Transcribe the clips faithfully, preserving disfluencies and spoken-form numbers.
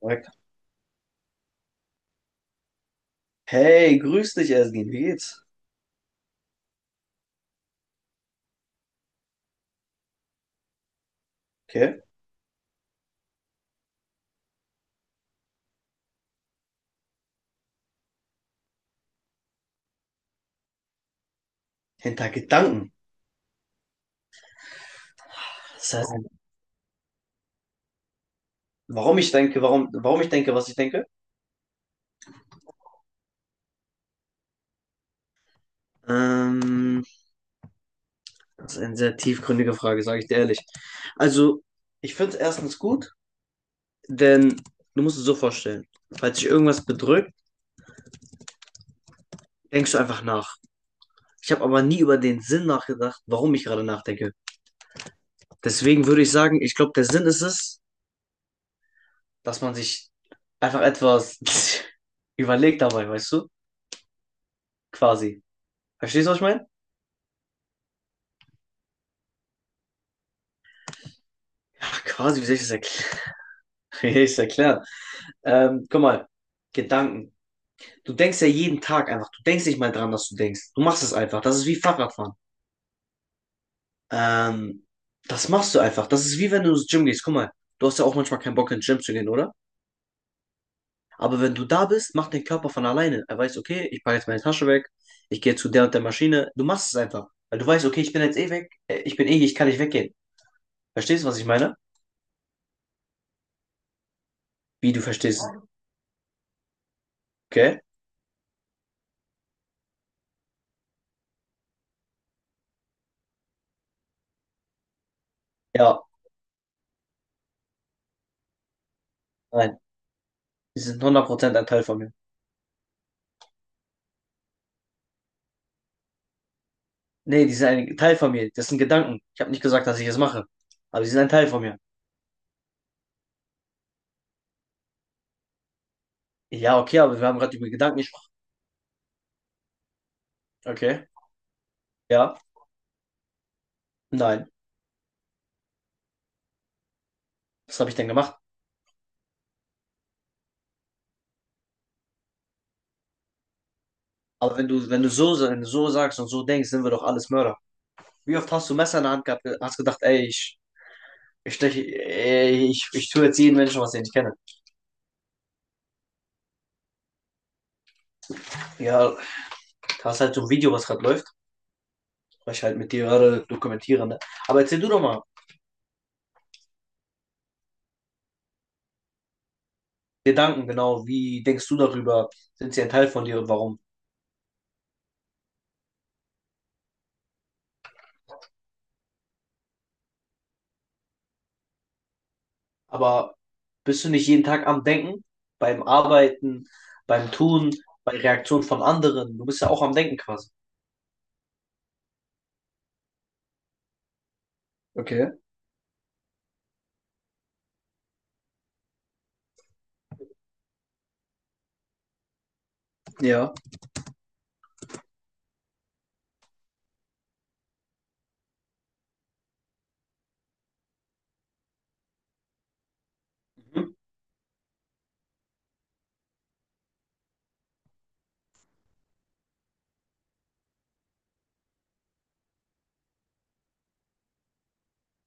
Sagt, hey, grüß dich, Ersin, wie geht's? Okay. Hinter Gedanken. Das heißt, warum ich denke, warum, warum ich denke, was ich denke? Ähm, das ist eine sehr tiefgründige Frage, sage ich dir ehrlich. Also, ich finde es erstens gut, denn du musst es so vorstellen, falls dich irgendwas bedrückt, denkst du einfach nach. Ich habe aber nie über den Sinn nachgedacht, warum ich gerade nachdenke. Deswegen würde ich sagen, ich glaube, der Sinn ist es, dass man sich einfach etwas überlegt dabei, weißt du? Quasi. Verstehst du, was ich meine? Ach, quasi, wie soll ich das erklären? Wie soll ich das erklären? Ähm, guck mal, Gedanken. Du denkst ja jeden Tag einfach. Du denkst nicht mal dran, dass du denkst. Du machst es einfach. Das ist wie Fahrradfahren. Ähm, das machst du einfach. Das ist wie wenn du ins Gym gehst. Guck mal, du hast ja auch manchmal keinen Bock, ins Gym zu gehen, oder? Aber wenn du da bist, macht dein Körper von alleine. Er weiß, okay, ich packe jetzt meine Tasche weg. Ich gehe zu der und der Maschine. Du machst es einfach. Weil du weißt, okay, ich bin jetzt eh weg. Äh, Ich bin eh hier, ich kann nicht weggehen. Verstehst du, was ich meine? Wie du verstehst. Okay? Ja, nein. Die sind hundert Prozent ein Teil von mir. Nee, die sind ein Teil von mir. Das sind Gedanken. Ich habe nicht gesagt, dass ich es mache. Aber sie sind ein Teil von mir. Ja, okay, aber wir haben gerade über Gedanken gesprochen. Okay. Ja. Nein. Was habe ich denn gemacht? Aber wenn du, wenn du so, wenn du so sagst und so denkst, sind wir doch alles Mörder. Wie oft hast du Messer in der Hand gehabt, hast gedacht, ey, ich, ich steche, ey, ich, ich tue jetzt jeden Menschen, was ich nicht kenne. Ja, da hast halt so ein Video, was gerade läuft, was ich halt mit dir gerade dokumentiere, ne? Aber erzähl du doch mal Gedanken, genau, wie denkst du darüber? Sind sie ein Teil von dir und warum? Aber bist du nicht jeden Tag am Denken? Beim Arbeiten, beim Tun, bei Reaktionen von anderen. Du bist ja auch am Denken quasi. Okay. Ja. Mhm.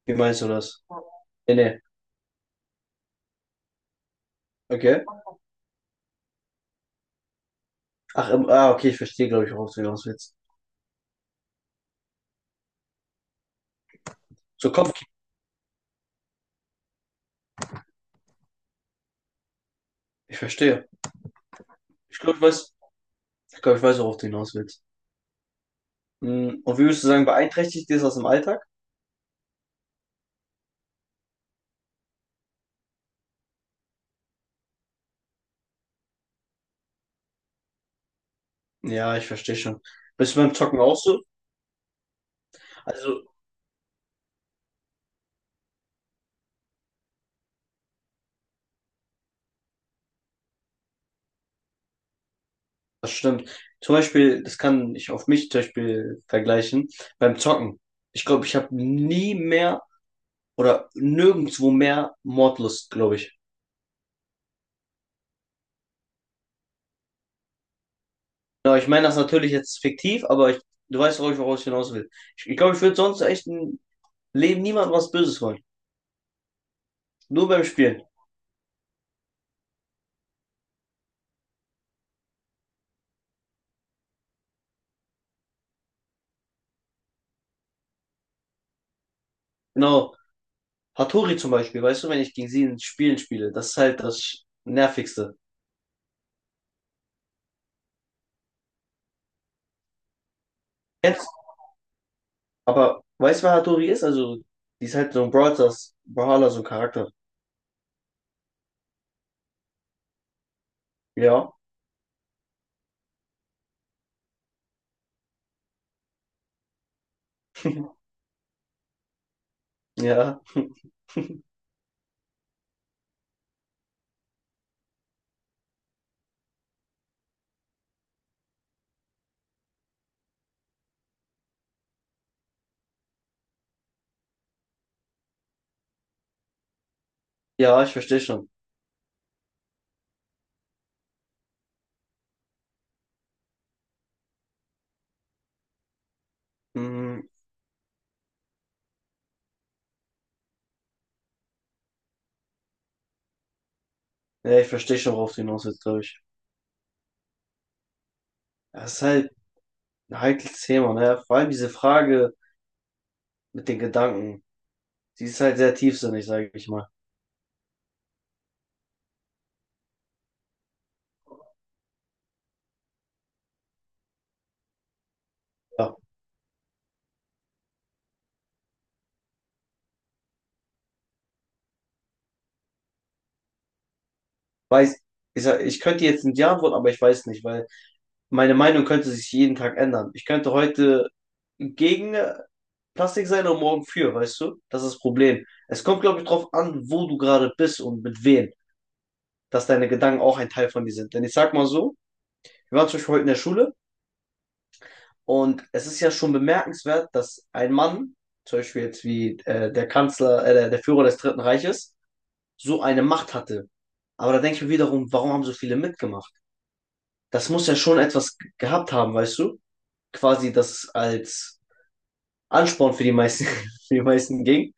Wie meinst du das? Nee, nee. Okay. Ach, ähm, ah, okay, ich verstehe, glaube ich, worauf du hinaus willst. So Kopf, ich verstehe. Ich glaube, ich weiß, ich glaube, ich weiß, worauf du hinaus willst. Hm, und wie würdest du sagen, beeinträchtigt dir das im Alltag? Ja, ich verstehe schon. Bist du beim Zocken auch so? Also, das stimmt. Zum Beispiel, das kann ich auf mich zum Beispiel vergleichen, beim Zocken. Ich glaube, ich habe nie mehr oder nirgendwo mehr Mordlust, glaube ich. Ja, ich meine das natürlich jetzt fiktiv, aber ich, du weißt, worauf ich worauf ich hinaus will. Ich, ich glaube, ich würde sonst echt im Leben niemandem was Böses wollen. Nur beim Spielen. Genau. Hattori zum Beispiel, weißt du, wenn ich gegen sie in Spielen spiele, das ist halt das Nervigste. Kennst, aber weißt du, wer Hattori ist? Also, die ist halt so ein Brawl Stars, Brawler, so ein Charakter. Ja, ja. Ja, ich verstehe schon. Hm, ja, ich verstehe schon, worauf du hinaus willst, glaube ich. Das ist halt ein heikles Thema, ne? Vor allem diese Frage mit den Gedanken. Die ist halt sehr tiefsinnig, sage ich mal. Ja, weiß, ich, sag, ich könnte jetzt nicht Ja antworten, aber ich weiß nicht, weil meine Meinung könnte sich jeden Tag ändern. Ich könnte heute gegen äh, Plastik sein und morgen für, weißt du? Das ist das Problem. Es kommt, glaube ich, drauf an, wo du gerade bist und mit wem, dass deine Gedanken auch ein Teil von dir sind. Denn ich sag mal so, wir waren zum Beispiel heute in der Schule. Und es ist ja schon bemerkenswert, dass ein Mann, zum Beispiel jetzt wie äh, der Kanzler, äh, der, der Führer des Dritten Reiches, so eine Macht hatte. Aber da denke ich mir wiederum, warum haben so viele mitgemacht? Das muss ja schon etwas g- gehabt haben, weißt du? Quasi das als Ansporn für die meisten, für die meisten ging.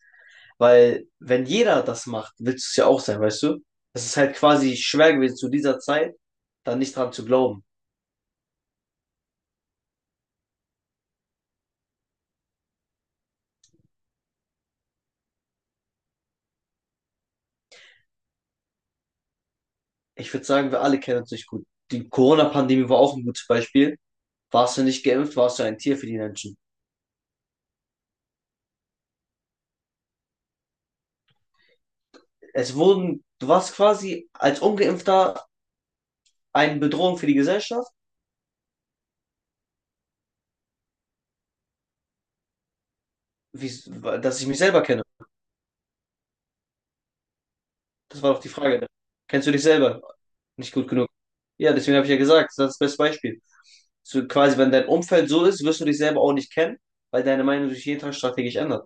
Weil wenn jeder das macht, willst du es ja auch sein, weißt du? Es ist halt quasi schwer gewesen zu dieser Zeit, da nicht dran zu glauben. Ich würde sagen, wir alle kennen uns nicht gut. Die Corona-Pandemie war auch ein gutes Beispiel, warst du nicht geimpft, warst du ein Tier für die Menschen. Es wurden, du warst quasi als Ungeimpfter eine Bedrohung für die Gesellschaft, wie, dass ich mich selber kenne. Das war doch die Frage. Kennst du dich selber nicht gut genug? Ja, deswegen habe ich ja gesagt, das ist das beste Beispiel. So, quasi, wenn dein Umfeld so ist, wirst du dich selber auch nicht kennen, weil deine Meinung sich jeden Tag strategisch ändert.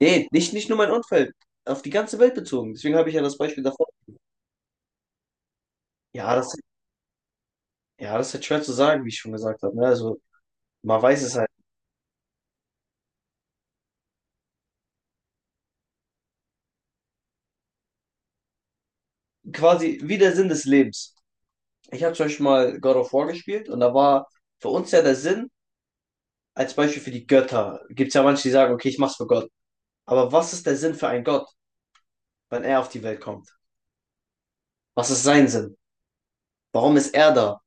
Nee, nicht, nicht nur mein Umfeld, auf die ganze Welt bezogen. Deswegen habe ich ja das Beispiel davor. Ja, das, ja, das ist halt schwer zu sagen, wie ich schon gesagt habe. Ne? Also, man weiß es halt. Quasi wie der Sinn des Lebens. Ich habe zum Beispiel mal God of War gespielt und da war für uns ja der Sinn, als Beispiel für die Götter, gibt es ja manche, die sagen, okay, ich mach's für Gott. Aber was ist der Sinn für einen Gott, wenn er auf die Welt kommt? Was ist sein Sinn? Warum ist er da?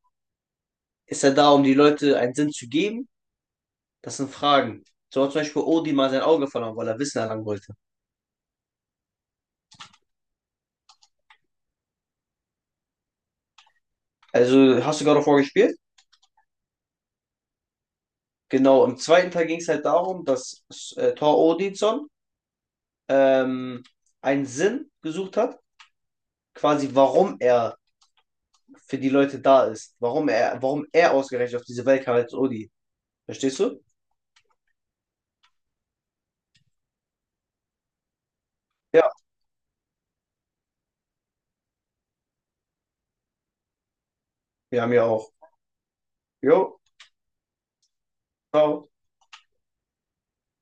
Ist er da, um die Leute einen Sinn zu geben? Das sind Fragen. So hat zum Beispiel Odin mal sein Auge verloren, weil er Wissen erlangen wollte. Also hast du God of War gespielt? Genau, im zweiten Teil ging es halt darum, dass äh, Thor Odinson ähm, einen Sinn gesucht hat, quasi warum er für die Leute da ist. Warum er, warum er ausgerechnet auf diese Welt kam als Odi. Verstehst du? Ja, wir haben ja auch. Jo, ciao.